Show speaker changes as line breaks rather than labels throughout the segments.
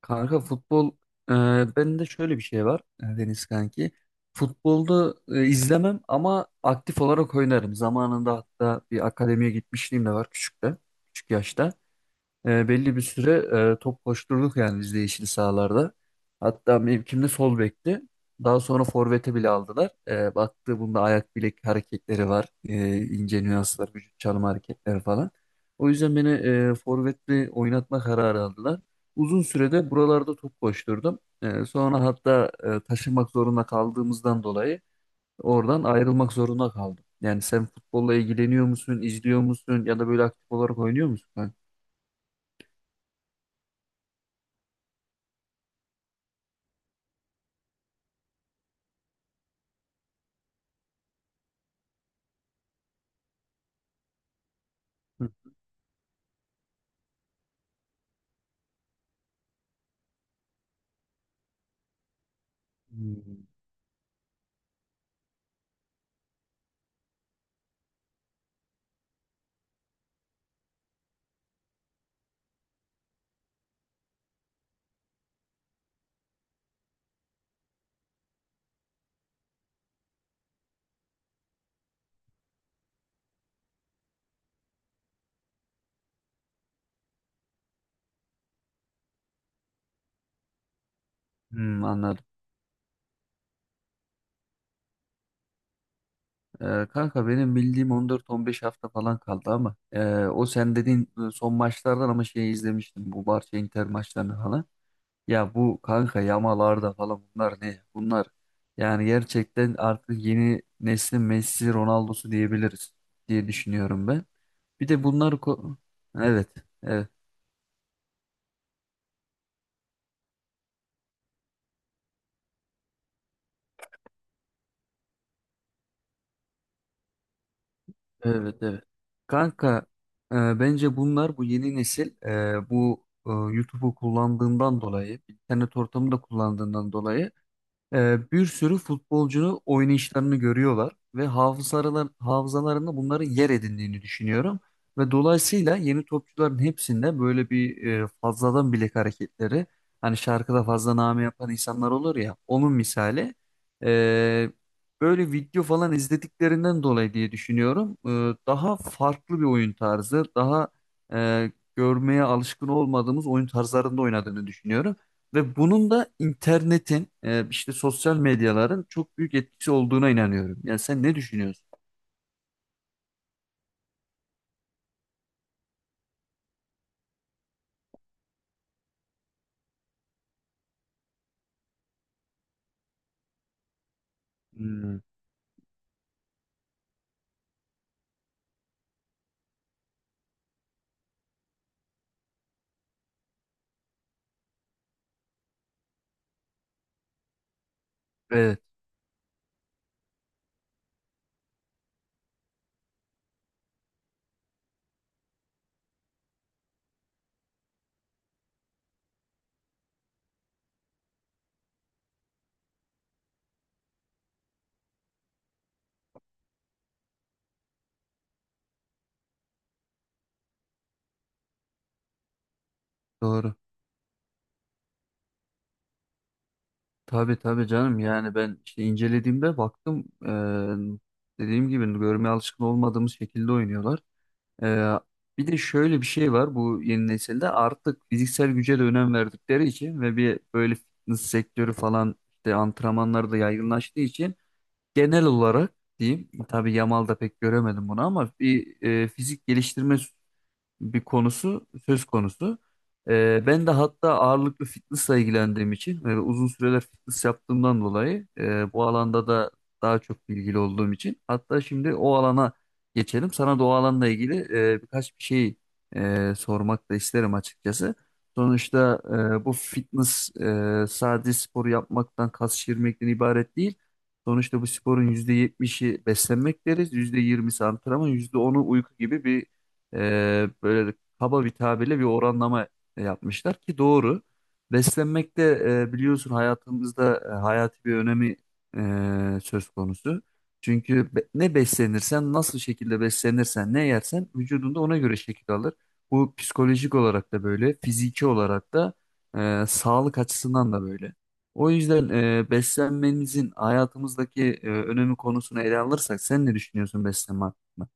Kanka futbol e, benim de şöyle bir şey var Deniz kanki. Futbolda izlemem ama aktif olarak oynarım. Zamanında hatta bir akademiye gitmişliğim de var küçükte, küçük yaşta. Belli bir süre top koşturduk yani biz de yeşil sahalarda. Hatta mevkimde sol bekti. Daha sonra forvete bile aldılar. Baktı bunda ayak bilek hareketleri var. İnce nüanslar, vücut çalım hareketleri falan. O yüzden beni forvetle oynatma kararı aldılar. Uzun sürede buralarda top koşturdum. Sonra hatta taşınmak zorunda kaldığımızdan dolayı oradan ayrılmak zorunda kaldım. Yani sen futbolla ilgileniyor musun, izliyor musun ya da böyle aktif olarak oynuyor musun, kanka? Hmm. Hmm, anladım. Kanka benim bildiğim 14-15 hafta falan kaldı ama o sen dediğin son maçlardan ama şeyi izlemiştim, bu Barça Inter maçlarını falan. Ya bu kanka Yamalarda falan bunlar ne? Bunlar yani gerçekten artık yeni neslin Messi Ronaldo'su diyebiliriz diye düşünüyorum ben. Bir de bunları ko- Evet, evet. Evet, evet. Kanka, bence bunlar bu yeni nesil YouTube'u kullandığından dolayı internet ortamını da kullandığından dolayı bir sürü futbolcunun oynayışlarını görüyorlar ve hafızalarında bunları yer edindiğini düşünüyorum. Ve dolayısıyla yeni topçuların hepsinde böyle bir fazladan bilek hareketleri, hani şarkıda fazla name yapan insanlar olur ya, onun misali e, böyle video falan izlediklerinden dolayı diye düşünüyorum. Daha farklı bir oyun tarzı, daha görmeye alışkın olmadığımız oyun tarzlarında oynadığını düşünüyorum. Ve bunun da internetin, işte sosyal medyaların çok büyük etkisi olduğuna inanıyorum. Yani sen ne düşünüyorsun? Hmm, evet, doğru. Tabii tabii canım. Yani ben işte incelediğimde baktım, dediğim gibi görmeye alışkın olmadığımız şekilde oynuyorlar. E, Bir de şöyle bir şey var, bu yeni nesilde artık fiziksel güce de önem verdikleri için ve bir böyle fitness sektörü falan, işte antrenmanlar da yaygınlaştığı için genel olarak diyeyim. Tabii Yamal'da pek göremedim bunu, ama bir fizik geliştirme bir konusu söz konusu. Ben de hatta ağırlıklı fitnessla ilgilendiğim için ve uzun süreler fitness yaptığımdan dolayı bu alanda da daha çok bilgili olduğum için hatta şimdi o alana geçelim. Sana da o alanla ilgili birkaç bir şey sormak da isterim açıkçası. Sonuçta bu fitness sadece spor yapmaktan, kas şişirmekten ibaret değil. Sonuçta bu sporun %70'i beslenmek deriz, %20'si antrenman, %10'u uyku gibi bir böyle kaba bir tabirle bir oranlama yapmışlar ki doğru. Beslenmekte, biliyorsun, hayatımızda hayati bir önemi söz konusu. Çünkü ne beslenirsen, nasıl şekilde beslenirsen, ne yersen vücudunda ona göre şekil alır. Bu psikolojik olarak da böyle, fiziki olarak da sağlık açısından da böyle. O yüzden beslenmemizin hayatımızdaki önemi konusunu ele alırsak sen ne düşünüyorsun beslenme hakkında?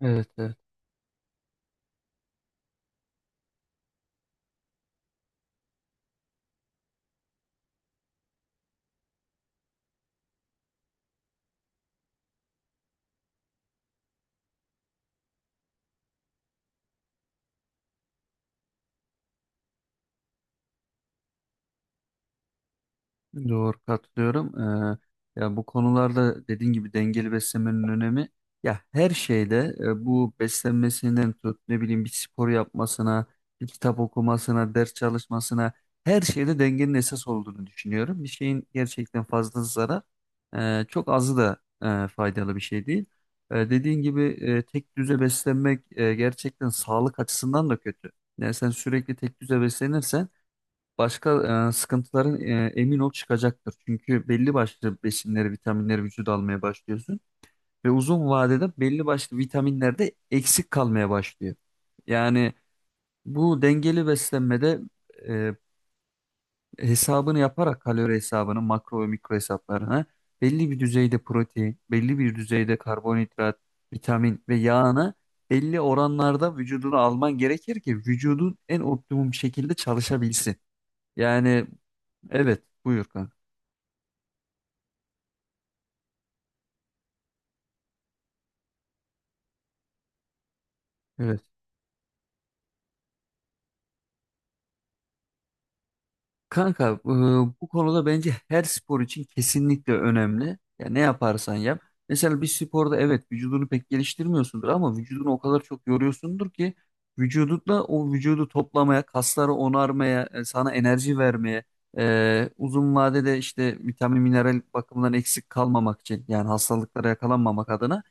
Evet, evet. Doğru, katılıyorum. Ya bu konularda dediğin gibi dengeli beslenmenin önemi, ya her şeyde, bu beslenmesinden tut, ne bileyim, bir spor yapmasına, bir kitap okumasına, ders çalışmasına, her şeyde dengenin esas olduğunu düşünüyorum. Bir şeyin gerçekten fazlası zarar, çok azı da faydalı bir şey değil. Dediğin gibi tek düze beslenmek gerçekten sağlık açısından da kötü. Yani sen sürekli tek düze beslenirsen başka sıkıntıların, emin ol, çıkacaktır. Çünkü belli başlı besinleri, vitaminleri vücuda almaya başlıyorsun ve uzun vadede belli başlı vitaminler de eksik kalmaya başlıyor. Yani bu dengeli beslenmede e, hesabını yaparak, kalori hesabını, makro ve mikro hesaplarını, belli bir düzeyde protein, belli bir düzeyde karbonhidrat, vitamin ve yağını belli oranlarda vücuduna alman gerekir ki vücudun en optimum şekilde çalışabilsin. Yani evet, buyur kanka. Evet. Kanka, bu konuda bence her spor için kesinlikle önemli. Ya ne yaparsan yap. Mesela bir sporda evet vücudunu pek geliştirmiyorsundur, ama vücudunu o kadar çok yoruyorsundur ki vücudunla o vücudu toplamaya, kasları onarmaya, sana enerji vermeye, uzun vadede işte vitamin, mineral bakımından eksik kalmamak için, yani hastalıklara yakalanmamak adına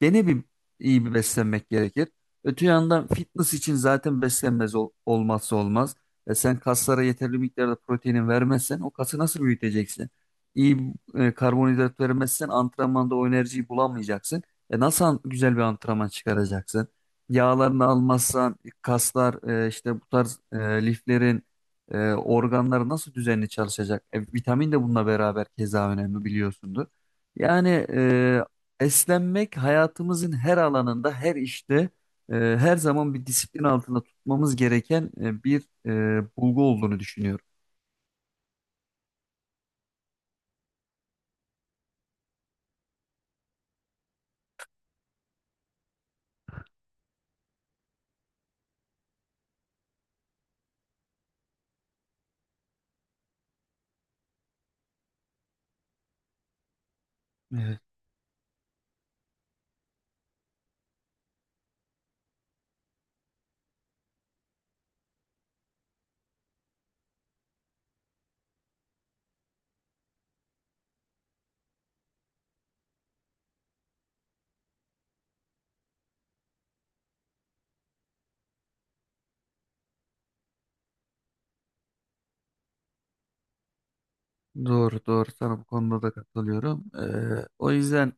gene bir iyi bir beslenmek gerekir. Öte yandan fitness için zaten beslenmez olmazsa olmaz. E sen kaslara yeterli miktarda proteinin vermezsen o kası nasıl büyüteceksin? İyi karbonhidrat vermezsen antrenmanda o enerjiyi bulamayacaksın. E nasıl güzel bir antrenman çıkaracaksın? Yağlarını almazsan kaslar, işte bu tarz liflerin, organları nasıl düzenli çalışacak? E, vitamin de bununla beraber keza önemli biliyorsundur. Yani e, Esnenmek hayatımızın her alanında, her işte, her zaman bir disiplin altında tutmamız gereken bir bulgu olduğunu düşünüyorum. Evet, doğru doğru, sana bu konuda da katılıyorum. O yüzden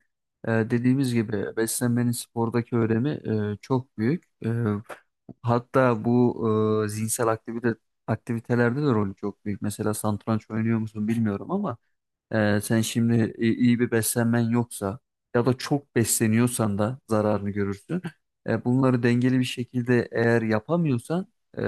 dediğimiz gibi beslenmenin spordaki önemi çok büyük. Hatta bu zihinsel aktivitelerde de rolü çok büyük. Mesela satranç oynuyor musun bilmiyorum ama sen şimdi iyi bir beslenmen yoksa ya da çok besleniyorsan da zararını görürsün. Bunları dengeli bir şekilde eğer yapamıyorsan ee,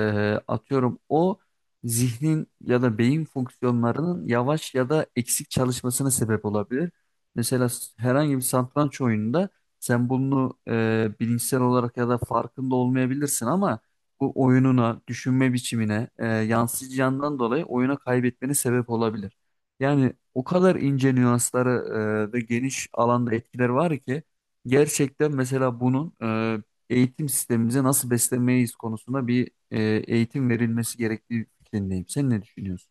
atıyorum o zihnin ya da beyin fonksiyonlarının yavaş ya da eksik çalışmasına sebep olabilir. Mesela herhangi bir satranç oyununda sen bunu bilinçsel olarak ya da farkında olmayabilirsin ama bu oyununa, düşünme biçimine yansıyacağından dolayı oyuna kaybetmene sebep olabilir. Yani o kadar ince nüansları ve geniş alanda etkileri var ki gerçekten mesela bunun eğitim sistemimize nasıl beslemeyiz konusunda bir eğitim verilmesi gerektiği fikrindeyim. Sen ne düşünüyorsun?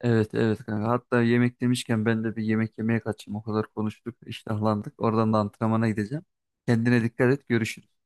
Evet evet kanka. Hatta yemek demişken ben de bir yemek yemeye kaçayım. O kadar konuştuk, iştahlandık. Oradan da antrenmana gideceğim. Kendine dikkat et. Görüşürüz.